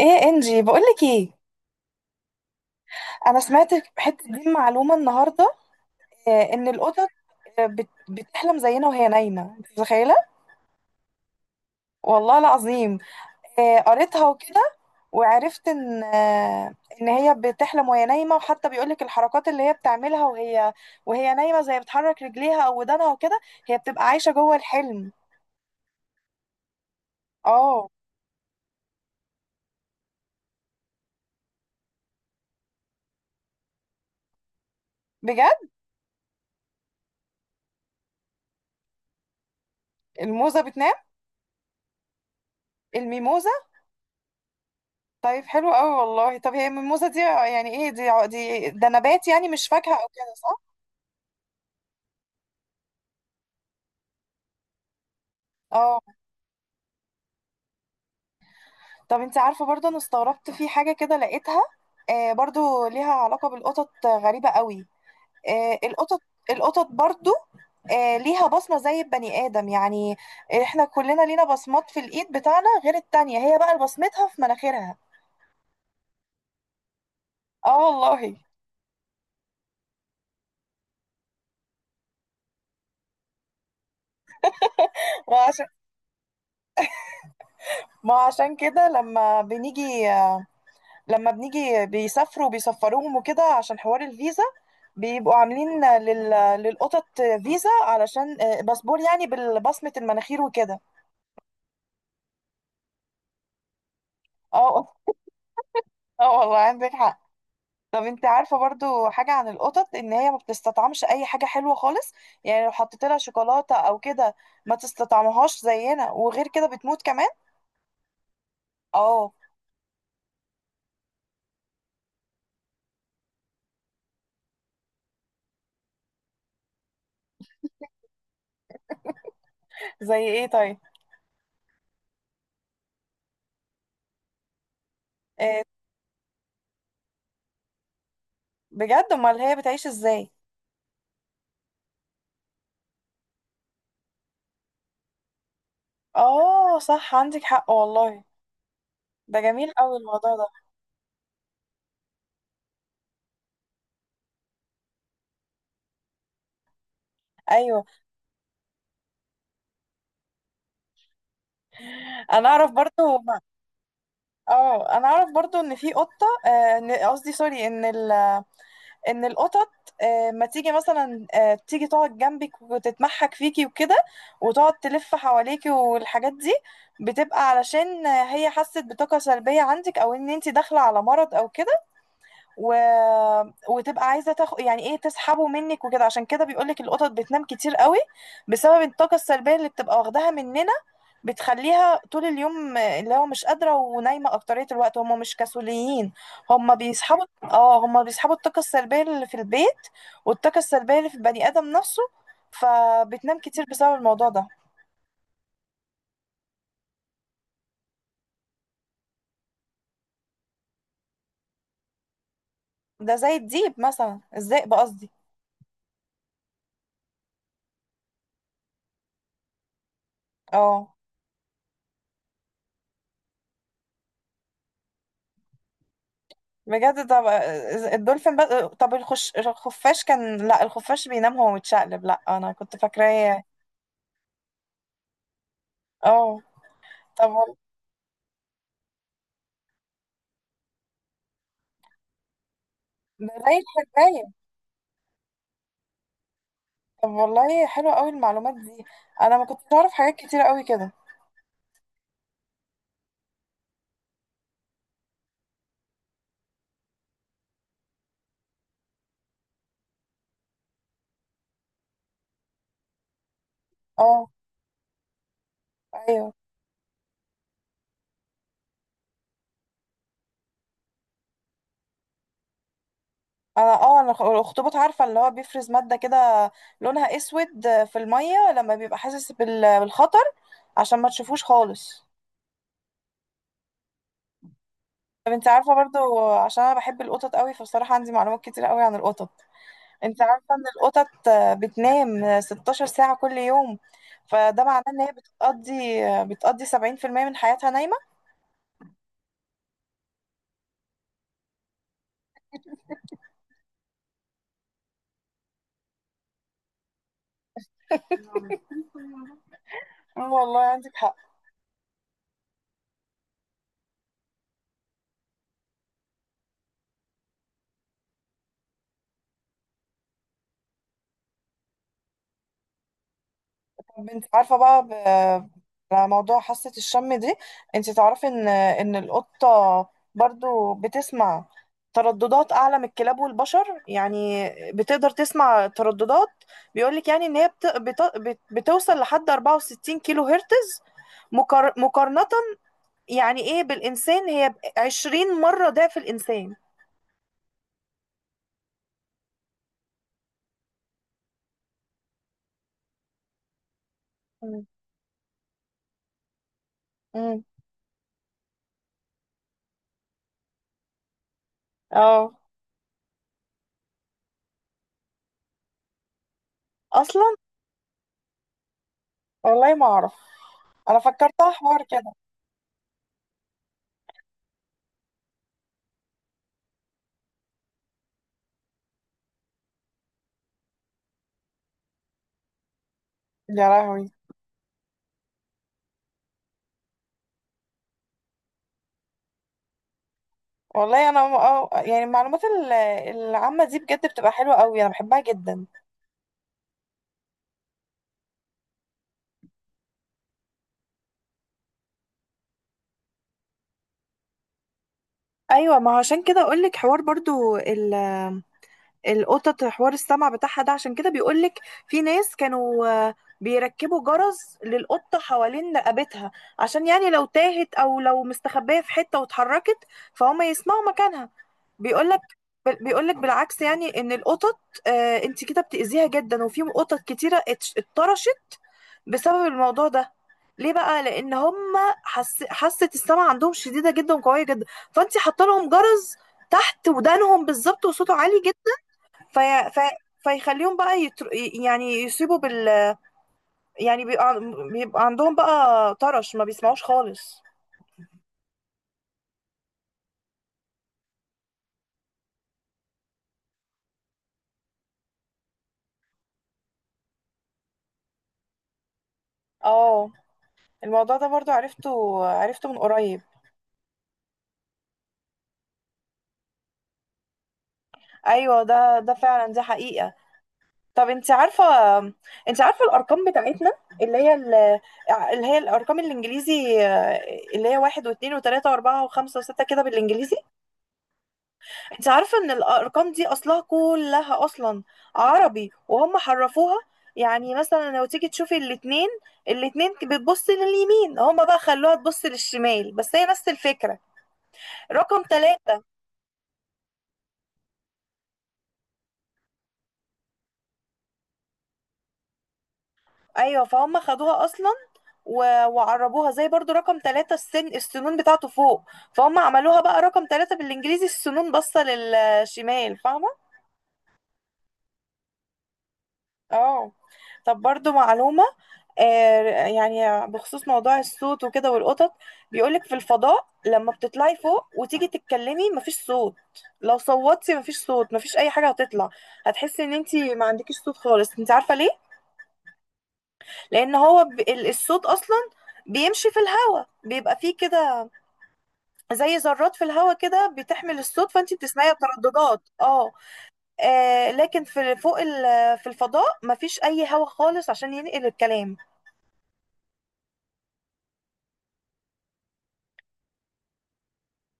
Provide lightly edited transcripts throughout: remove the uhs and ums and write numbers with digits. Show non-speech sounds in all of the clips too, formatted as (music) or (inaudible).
ايه انجي، بقولك ايه. انا سمعت حته دي معلومه النهارده، ان القطط، بتحلم زينا وهي نايمه، انت متخيله؟ والله العظيم. قريتها وكده، وعرفت ان هي بتحلم وهي نايمه، وحتى بيقولك الحركات اللي هي بتعملها وهي نايمه، زي بتحرك رجليها او ودانها وكده. هي بتبقى عايشه جوه الحلم. اه. بجد. الموزه بتنام؟ الميموزه. طيب حلو قوي والله. طب هي الميموزه دي يعني ايه؟ دي ده نبات يعني؟ مش فاكهه او كده، صح؟ اه. طب انت عارفة برضه، انا استغربت في حاجة كده لقيتها، برضه ليها علاقة بالقطط، غريبة قوي. القطط، القطط برضه ليها بصمة زي البني آدم يعني. احنا كلنا لينا بصمات في الايد بتاعنا، غير التانية هي بقى بصمتها في مناخيرها. اه والله. ما عشان ما عشان كده لما بنيجي آه، لما بنيجي بيسافروا، بيسفروهم وكده عشان حوار الفيزا، بيبقوا عاملين للقطط فيزا، علشان باسبور يعني، بالبصمة المناخير وكده. اه. اه والله عندك حق. طب انت عارفة برضو حاجة عن القطط، ان هي ما بتستطعمش اي حاجة حلوة خالص؟ يعني لو حطيت لها شوكولاتة او كده ما تستطعمهاش زينا، وغير كده بتموت كمان. اه. زي ايه طيب؟ آه، بجد، امال هي بتعيش ازاي؟ اه صح عندك حق والله. ده جميل قوي الموضوع ده. ايوه. انا اعرف برضو ما- اه انا اعرف برضو ان في قطه، قصدي سوري، ان القطط ما تيجي مثلا، تيجي تقعد جنبك وتتمحك فيكي وكده، وتقعد تلف حواليكي والحاجات دي، بتبقى علشان هي حست بطاقه سلبيه عندك، او ان انت داخله على مرض او كده، و... وتبقى عايزه تاخد يعني ايه، تسحبه منك وكده. عشان كده بيقولك القطط بتنام كتير قوي، بسبب الطاقه السلبيه اللي بتبقى واخداها مننا. بتخليها طول اليوم اللي هو مش قادره ونايمه اكتريه الوقت، هم مش كسوليين، هم بيسحبوا اه هم بيسحبوا الطاقه السلبيه اللي في البيت، والطاقه السلبيه اللي في البني ادم نفسه. فبتنام كتير بسبب الموضوع ده. ده زي الديب مثلا، الذئب قصدي. اه. بجد؟ طب الدولفين بس؟ طب الخفاش كان، لا الخفاش بينام وهو متشقلب، لا انا كنت فاكراه. اه. طب ده زي الحرباية. طب والله حلوة قوي المعلومات دي، انا ما كنتش اعرف حاجات كتيرة قوي كده. اه. ايوه. انا اه انا الاخطبوط عارفة اللي هو بيفرز مادة كده لونها اسود في المية لما بيبقى حاسس بالخطر، عشان ما تشوفوش خالص. طب انت عارفة برضو، عشان انا بحب القطط قوي، فبصراحة عندي معلومات كتيرة قوي عن القطط. انت عارفة ان القطط بتنام 16 ساعة كل يوم؟ فده معناه ان هي بتقضي 70% من حياتها نايمة. (laughs) اه والله عندك حق. طب انت عارفة بقى، على موضوع حاسة الشم دي، انت تعرفي ان القطة برضو بتسمع ترددات اعلى من الكلاب والبشر يعني؟ بتقدر تسمع ترددات، بيقولك يعني ان هي بتوصل لحد 64 كيلو هرتز، مقارنة يعني ايه بالانسان، هي 20 مرة ضعف الانسان. مم. مم. اه. اصلا. والله ما اعرف، انا فكرتها حوار كده. يا لهوي. والله انا اه يعني المعلومات العامة دي بجد بتبقى حلوة قوي، انا بحبها جدا. ايوه. ما هو عشان كده اقول لك حوار برضو القطط، حوار السمع بتاعها ده. عشان كده بيقول لك في ناس كانوا بيركبوا جرس للقطة حوالين رقبتها، عشان يعني لو تاهت او لو مستخبية في حتة واتحركت فهم يسمعوا مكانها. بيقولك بيقولك بالعكس، يعني ان القطط آه انت كده بتأذيها جدا، وفي قطط كتيرة اتطرشت بسبب الموضوع ده. ليه بقى؟ لان هم حاسة السمع عندهم شديدة جدا وقوية جدا، فانت حاطه لهم جرس تحت ودانهم بالظبط وصوته عالي جدا، في... في... فيخليهم بقى يعني يصيبوا بال، يعني بيبقى عندهم بقى طرش ما بيسمعوش خالص. اه. الموضوع ده برضو عرفته من قريب. ايوه ده فعلا، دي حقيقة. طب انت عارفه، انت عارفه الارقام بتاعتنا، اللي هي ال... اللي هي الارقام الانجليزي، اللي هي واحد واثنين وثلاثه واربعه وخمسه وسته كده بالانجليزي؟ انت عارفه ان الارقام دي اصلها كلها اصلا عربي وهم حرفوها؟ يعني مثلا لو تيجي تشوفي الاثنين، الاثنين بتبص لليمين، هم بقى خلوها تبص للشمال، بس هي نفس الفكره. رقم ثلاثه. ايوه فهم خدوها اصلا، وقربوها. زي برضو رقم ثلاثة، السنون بتاعته فوق، فهم عملوها بقى رقم ثلاثة بالانجليزي السنون باصة للشمال، فاهمة؟ اه. طب برضو معلومة، يعني بخصوص موضوع الصوت وكده والقطط. بيقولك في الفضاء لما بتطلعي فوق وتيجي تتكلمي مفيش صوت. لو صوتي مفيش صوت، مفيش اي حاجة هتطلع، هتحسي ان انتي ما عندكيش صوت خالص. انت عارفة ليه؟ لان هو الصوت اصلا بيمشي في الهواء، بيبقى فيه كده زي ذرات في الهواء كده بتحمل الصوت، فانت بتسمعيها ترددات اه. لكن في فوق في الفضاء مفيش اي هواء خالص عشان ينقل الكلام.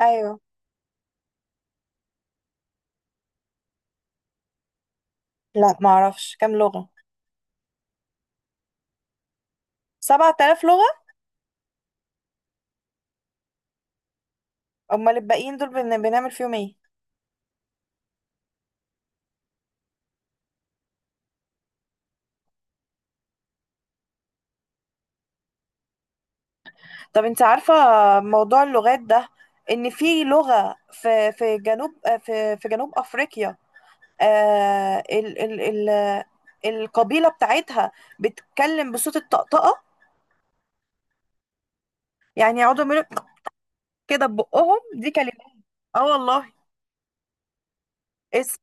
ايوه. لا معرفش كام لغة. 7000 لغة؟ امال الباقيين دول بنعمل فيهم ايه؟ طب انت عارفة موضوع اللغات ده، ان في لغة في جنوب افريقيا، آه ال ال ال القبيلة بتاعتها بتتكلم بصوت الطقطقة؟ يعني يقعدوا يعملوا كده ببقهم دي. اه والله. اسم.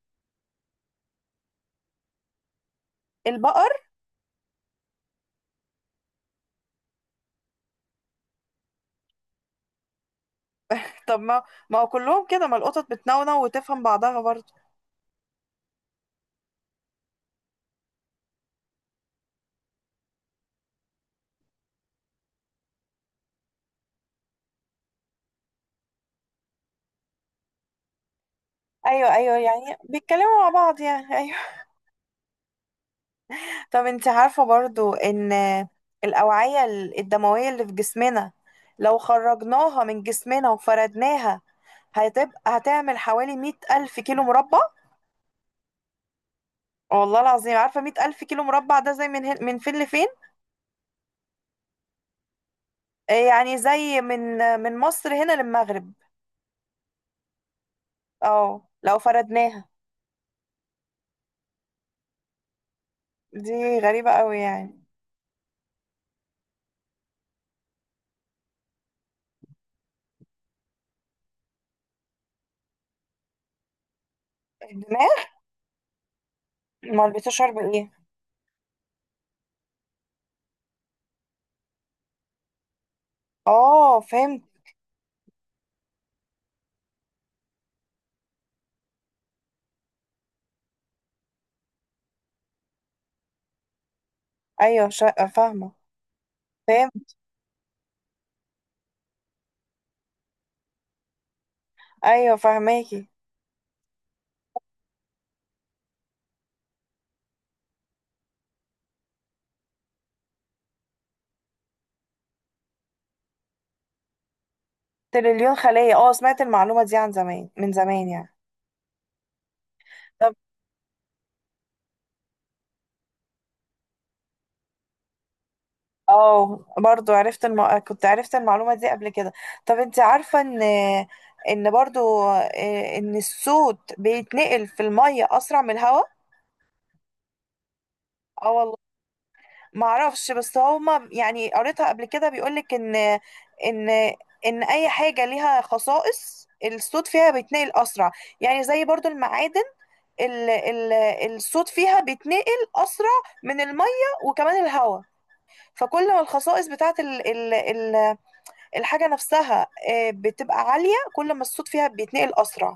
البقر؟ طب ما ما هو كلهم كده، ما القطط بتنونو وتفهم بعضها برضو. ايوه يعني بيتكلموا مع بعض يعني. (laughs) ايوه. طب انت عارفة برضو ان الاوعية الدموية اللي في جسمنا لو خرجناها من جسمنا وفردناها هتبقى هتعمل حوالي 100,000 كيلو مربع؟ والله العظيم. عارفة 100,000 كيلو مربع، ده زي من فين لفين؟ يعني زي من مصر هنا للمغرب. اه لو فردناها. دي غريبة قوي يعني. الدماغ؟ ما البسوش شرب ايه؟ اه فهمت. ايوه شقة فاهمة. فهمت. ايوه فاهماكي. تريليون خلية، اه سمعت المعلومة دي عن زمان، من زمان يعني. طب. اه برضو عرفت كنت عرفت المعلومة دي قبل كده. طب انت عارفة ان برضو، ان الصوت بيتنقل في المية اسرع من الهواء؟ اه والله. معرفش بس هما يعني قريتها قبل كده، بيقولك ان ان اي حاجه ليها خصائص الصوت فيها بيتنقل اسرع، يعني زي برضو المعادن، ال ال الصوت فيها بيتنقل اسرع من الميه وكمان الهواء. فكل ما الخصائص بتاعت ال ال ال الحاجه نفسها بتبقى عاليه، كل ما الصوت فيها بيتنقل اسرع.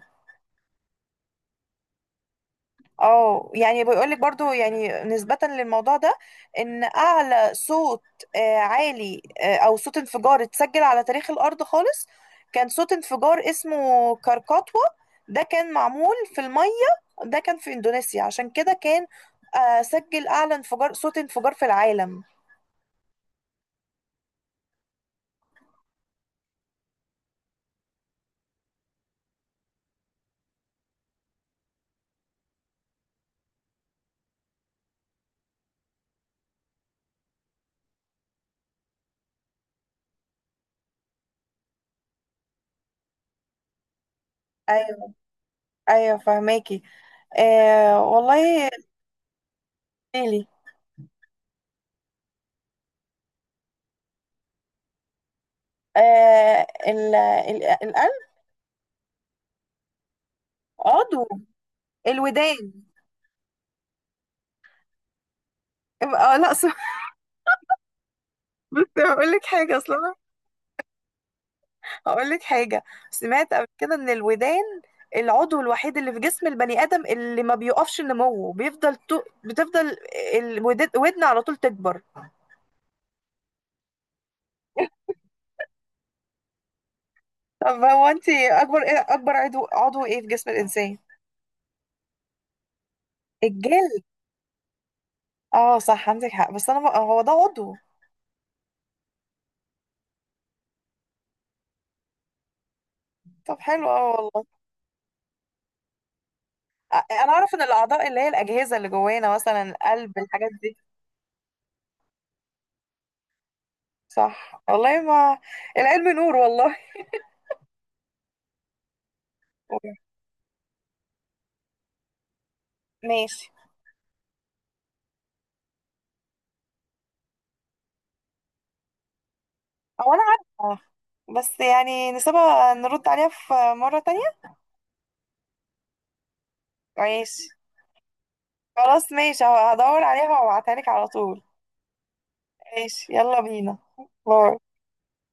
اه يعني بيقولك برضو يعني نسبة للموضوع ده، ان اعلى صوت، عالي، او صوت انفجار اتسجل على تاريخ الارض خالص، كان صوت انفجار اسمه كركاتوا. ده كان معمول في المية، ده كان في اندونيسيا، عشان كده كان سجل اعلى انفجار، صوت انفجار في العالم. ايوه. ايوه فهماكي. آه والله. ليلي. آه ال ال القلب. عضو. الودان. اه لا، (laughs) بس بقول لك حاجه اصلا. هقول لك حاجة، سمعت قبل كده ان الودان العضو الوحيد اللي في جسم البني آدم اللي ما بيقفش نموه، بيفضل بتفضل الودن ودن على طول تكبر. طب هو انت اكبر ايه، اكبر عضو ايه في جسم الانسان؟ الجلد. اه صح عندك حق. بس انا هو ده عضو؟ طب حلو اه والله. انا اعرف ان الاعضاء اللي هي الاجهزة اللي جوانا، مثلا القلب الحاجات دي. صح والله. ما العلم نور والله. ماشي. او انا عارفة، بس يعني نسيبها نرد عليها في مرة تانية. ماشي. خلاص ماشي، هدور عليها وابعتها لك على طول. ماشي، يلا بينا. باي.